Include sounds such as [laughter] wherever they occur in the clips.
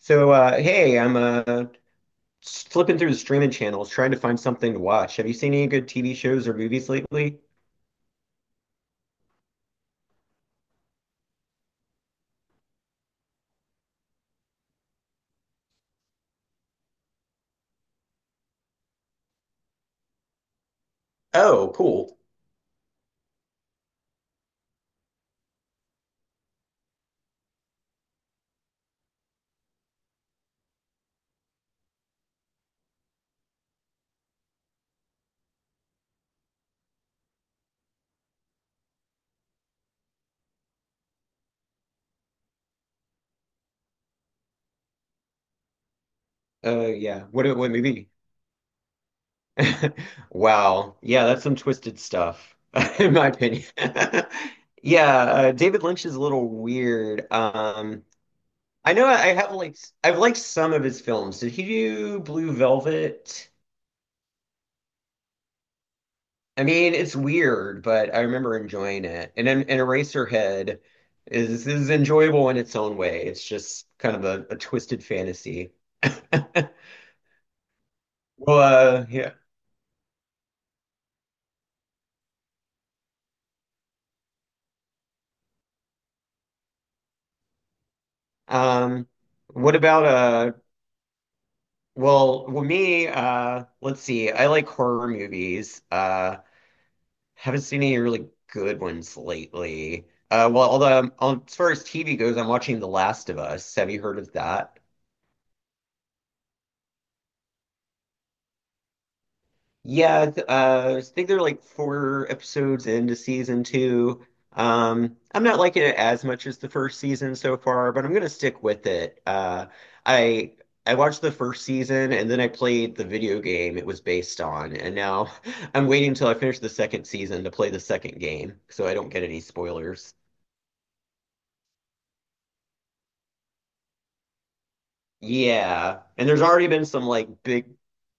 So, hey, I'm flipping through the streaming channels trying to find something to watch. Have you seen any good TV shows or movies lately? Oh, cool. Yeah. What movie? [laughs] Wow. Yeah, that's some twisted stuff, [laughs] in my opinion. [laughs] Yeah, David Lynch is a little weird. I know I've liked some of his films. Did he do Blue Velvet? I mean, it's weird, but I remember enjoying it. And Eraserhead is enjoyable in its own way. It's just kind of a twisted fantasy. [laughs] Well, yeah. Um, what about? Well, me. Let's see. I like horror movies. Haven't seen any really good ones lately. Well, although as far as TV goes, I'm watching The Last of Us. Have you heard of that? Yeah, I think they're like four episodes into season two. I'm not liking it as much as the first season so far, but I'm gonna stick with it. I I watched the first season and then I played the video game it was based on, and now [laughs] I'm waiting until I finish the second season to play the second game so I don't get any spoilers. Yeah. And there's already been some like big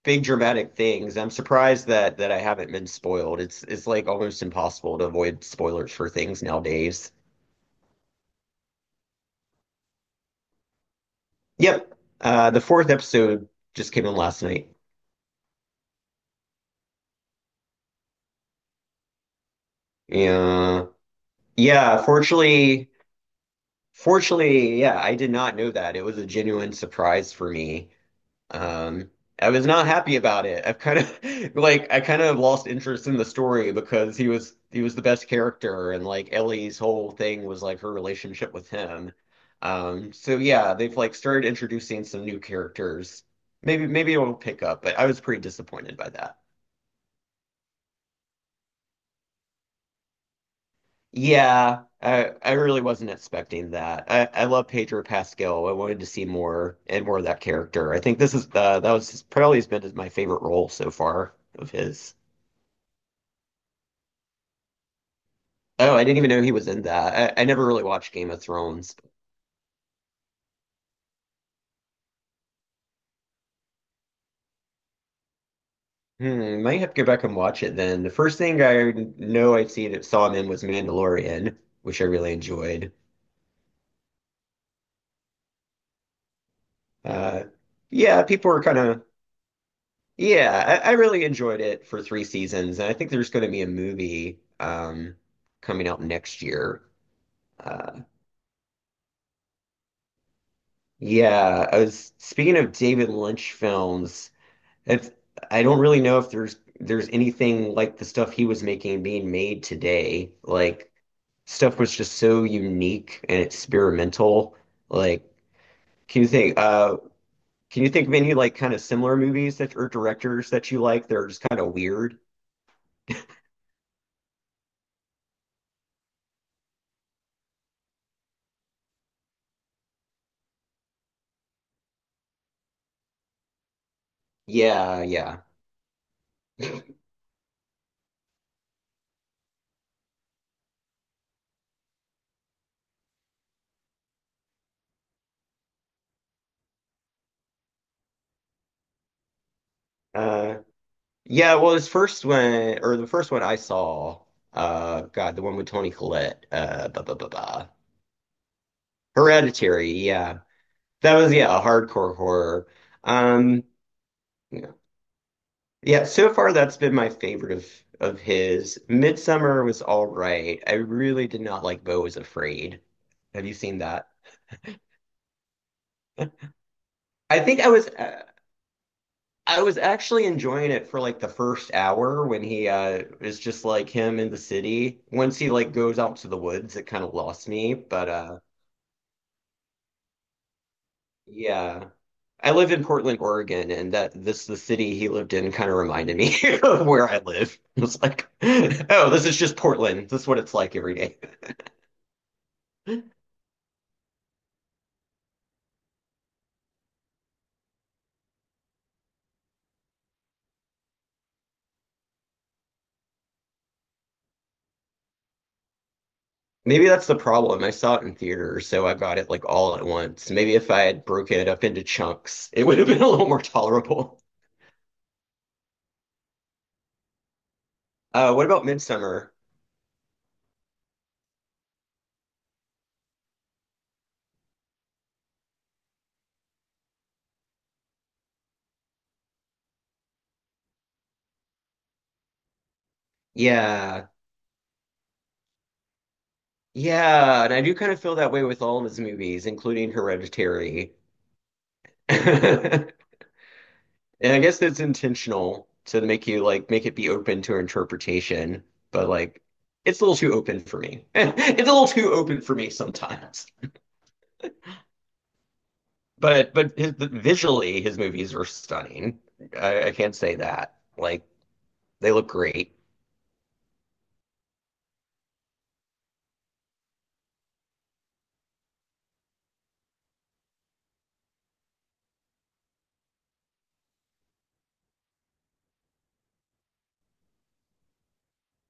big dramatic things. I'm surprised that I haven't been spoiled. It's like almost impossible to avoid spoilers for things nowadays. Yep. The fourth episode just came in last night. Yeah. Yeah, fortunately, yeah, I did not know that. It was a genuine surprise for me. Um, I was not happy about it. I've kind of [laughs] like I kind of lost interest in the story because he was the best character and like Ellie's whole thing was like her relationship with him. So yeah, they've like started introducing some new characters. Maybe it'll pick up, but I was pretty disappointed by that. Yeah, I really wasn't expecting that. I love Pedro Pascal. I wanted to see more and more of that character. I think this is that was probably has been my favorite role so far of his. Oh, I didn't even know he was in that. I never really watched Game of Thrones. Hmm, might have to go back and watch it then. The first thing I know I see that saw him in was Mandalorian, which I really enjoyed. Uh, yeah, people were kind of yeah. I really enjoyed it for three seasons, and I think there's going to be a movie coming out next year. Uh, yeah, I was speaking of David Lynch films. It's, I don't really know if there's anything like the stuff he was making being made today. Like stuff was just so unique and experimental. Like, can you think uh can you think of any like kind of similar movies that or directors that you like that are just kind of weird? Yeah, yeah. Uh yeah, well his first one or the first one I saw, God, the one with Toni Collette, blah blah blah blah. Hereditary, yeah. That was yeah, a hardcore horror. Um Yeah. Yeah, so far that's been my favorite of his. Midsummer was all right. I really did not like Beau is Afraid. Have you seen that? I think I was actually enjoying it for like the first hour when he is just like him in the city. Once he like goes out to the woods, it kind of lost me, but yeah. I live in Portland, Oregon, and that this the city he lived in kind of reminded me [laughs] of where I live. It was like, [laughs] oh, this is just Portland. This is what it's like every day. Maybe that's the problem. I saw it in theater, so I got it like all at once. Maybe if I had broken it up into chunks, it would have been a little more tolerable. What about Midsummer? Yeah. Yeah, and I do kind of feel that way with all of his movies, including Hereditary. [laughs] And I guess that's intentional to make you like make it be open to interpretation, but like it's a little too open for me. [laughs] It's a little too open for me sometimes. But visually, his movies are stunning. I can't say that. Like they look great.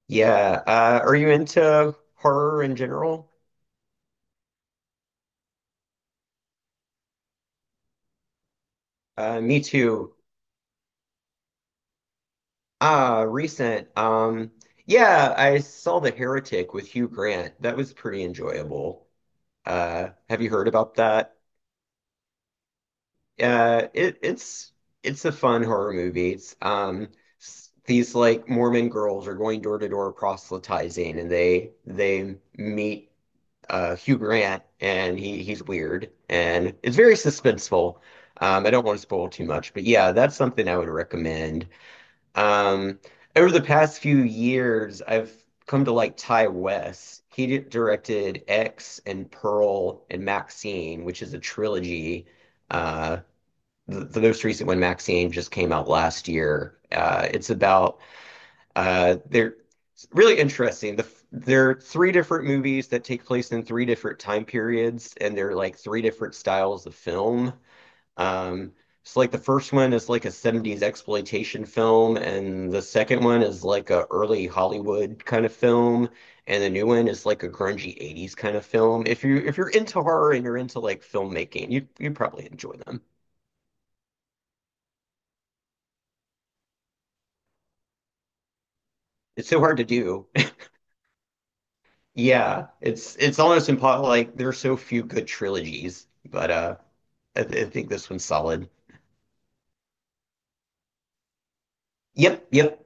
Yeah. Are you into horror in general? Me too. Recent. Yeah, I saw The Heretic with Hugh Grant. That was pretty enjoyable. Have you heard about that? Uh, it it's it's a fun horror movie. It's these like Mormon girls are going door to door proselytizing, and they meet Hugh Grant, and he's weird and it's very suspenseful. I don't want to spoil too much, but yeah, that's something I would recommend. Um, over the past few years, I've come to like Ty West. He directed X and Pearl and Maxine, which is a trilogy. Uh, the most recent one, Maxine, just came out last year. It's about They're really interesting. There are three different movies that take place in three different time periods, and they're like three different styles of film. Um, so like the first one is like a 70s exploitation film, and the second one is like a early Hollywood kind of film, and the new one is like a grungy 80s kind of film. If you're into horror and you're into like filmmaking, you probably enjoy them. It's so hard to do. Yeah, it's almost impossible. Like there are so few good trilogies, but I think this one's solid. Yep, yep.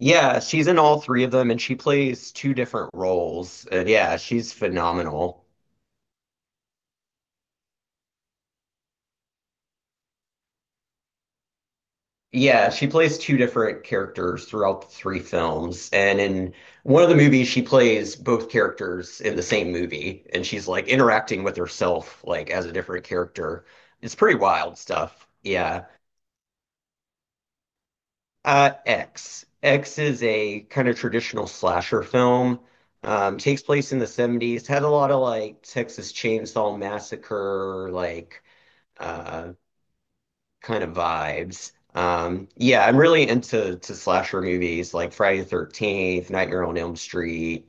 Yeah, she's in all three of them, and she plays two different roles. And yeah, she's phenomenal. Yeah, she plays two different characters throughout the three films, and in one of the movies, she plays both characters in the same movie, and she's like interacting with herself like as a different character. It's pretty wild stuff. Yeah. X. X is a kind of traditional slasher film. Takes place in the 70s. Had a lot of like Texas Chainsaw Massacre, like uh, kind of vibes. Yeah, I'm really into to slasher movies like Friday the 13th, Nightmare on Elm Street,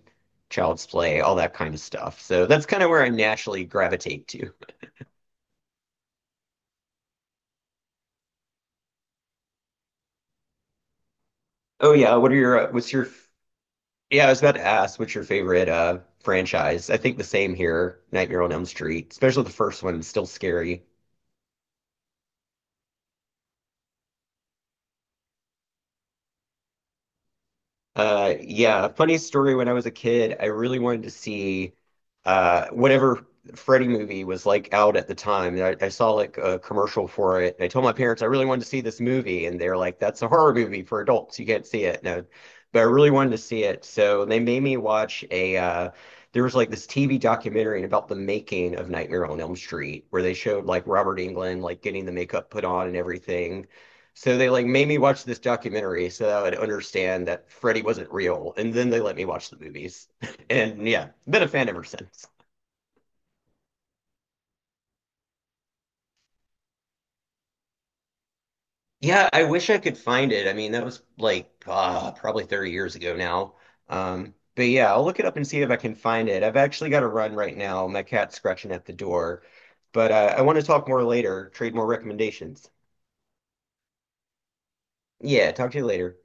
Child's Play, all that kind of stuff. So that's kind of where I naturally gravitate to. Oh yeah, what are your what's your yeah, I was about to ask, what's your favorite franchise? I think the same here, Nightmare on Elm Street, especially the first one, still scary. Yeah, funny story. When I was a kid, I really wanted to see whatever Freddy movie was like out at the time. And I saw like a commercial for it, and I told my parents I really wanted to see this movie, and they're like, "That's a horror movie for adults. You can't see it." No, but I really wanted to see it, so they made me watch a. There was like this TV documentary about the making of Nightmare on Elm Street, where they showed like Robert Englund like getting the makeup put on and everything. So they like made me watch this documentary so that I would understand that Freddy wasn't real, and then they let me watch the movies. [laughs] And yeah, been a fan ever since. Yeah, I wish I could find it. I mean, that was like probably 30 years ago now. But yeah, I'll look it up and see if I can find it. I've actually got to run right now. My cat's scratching at the door. But I want to talk more later, trade more recommendations. Yeah, talk to you later.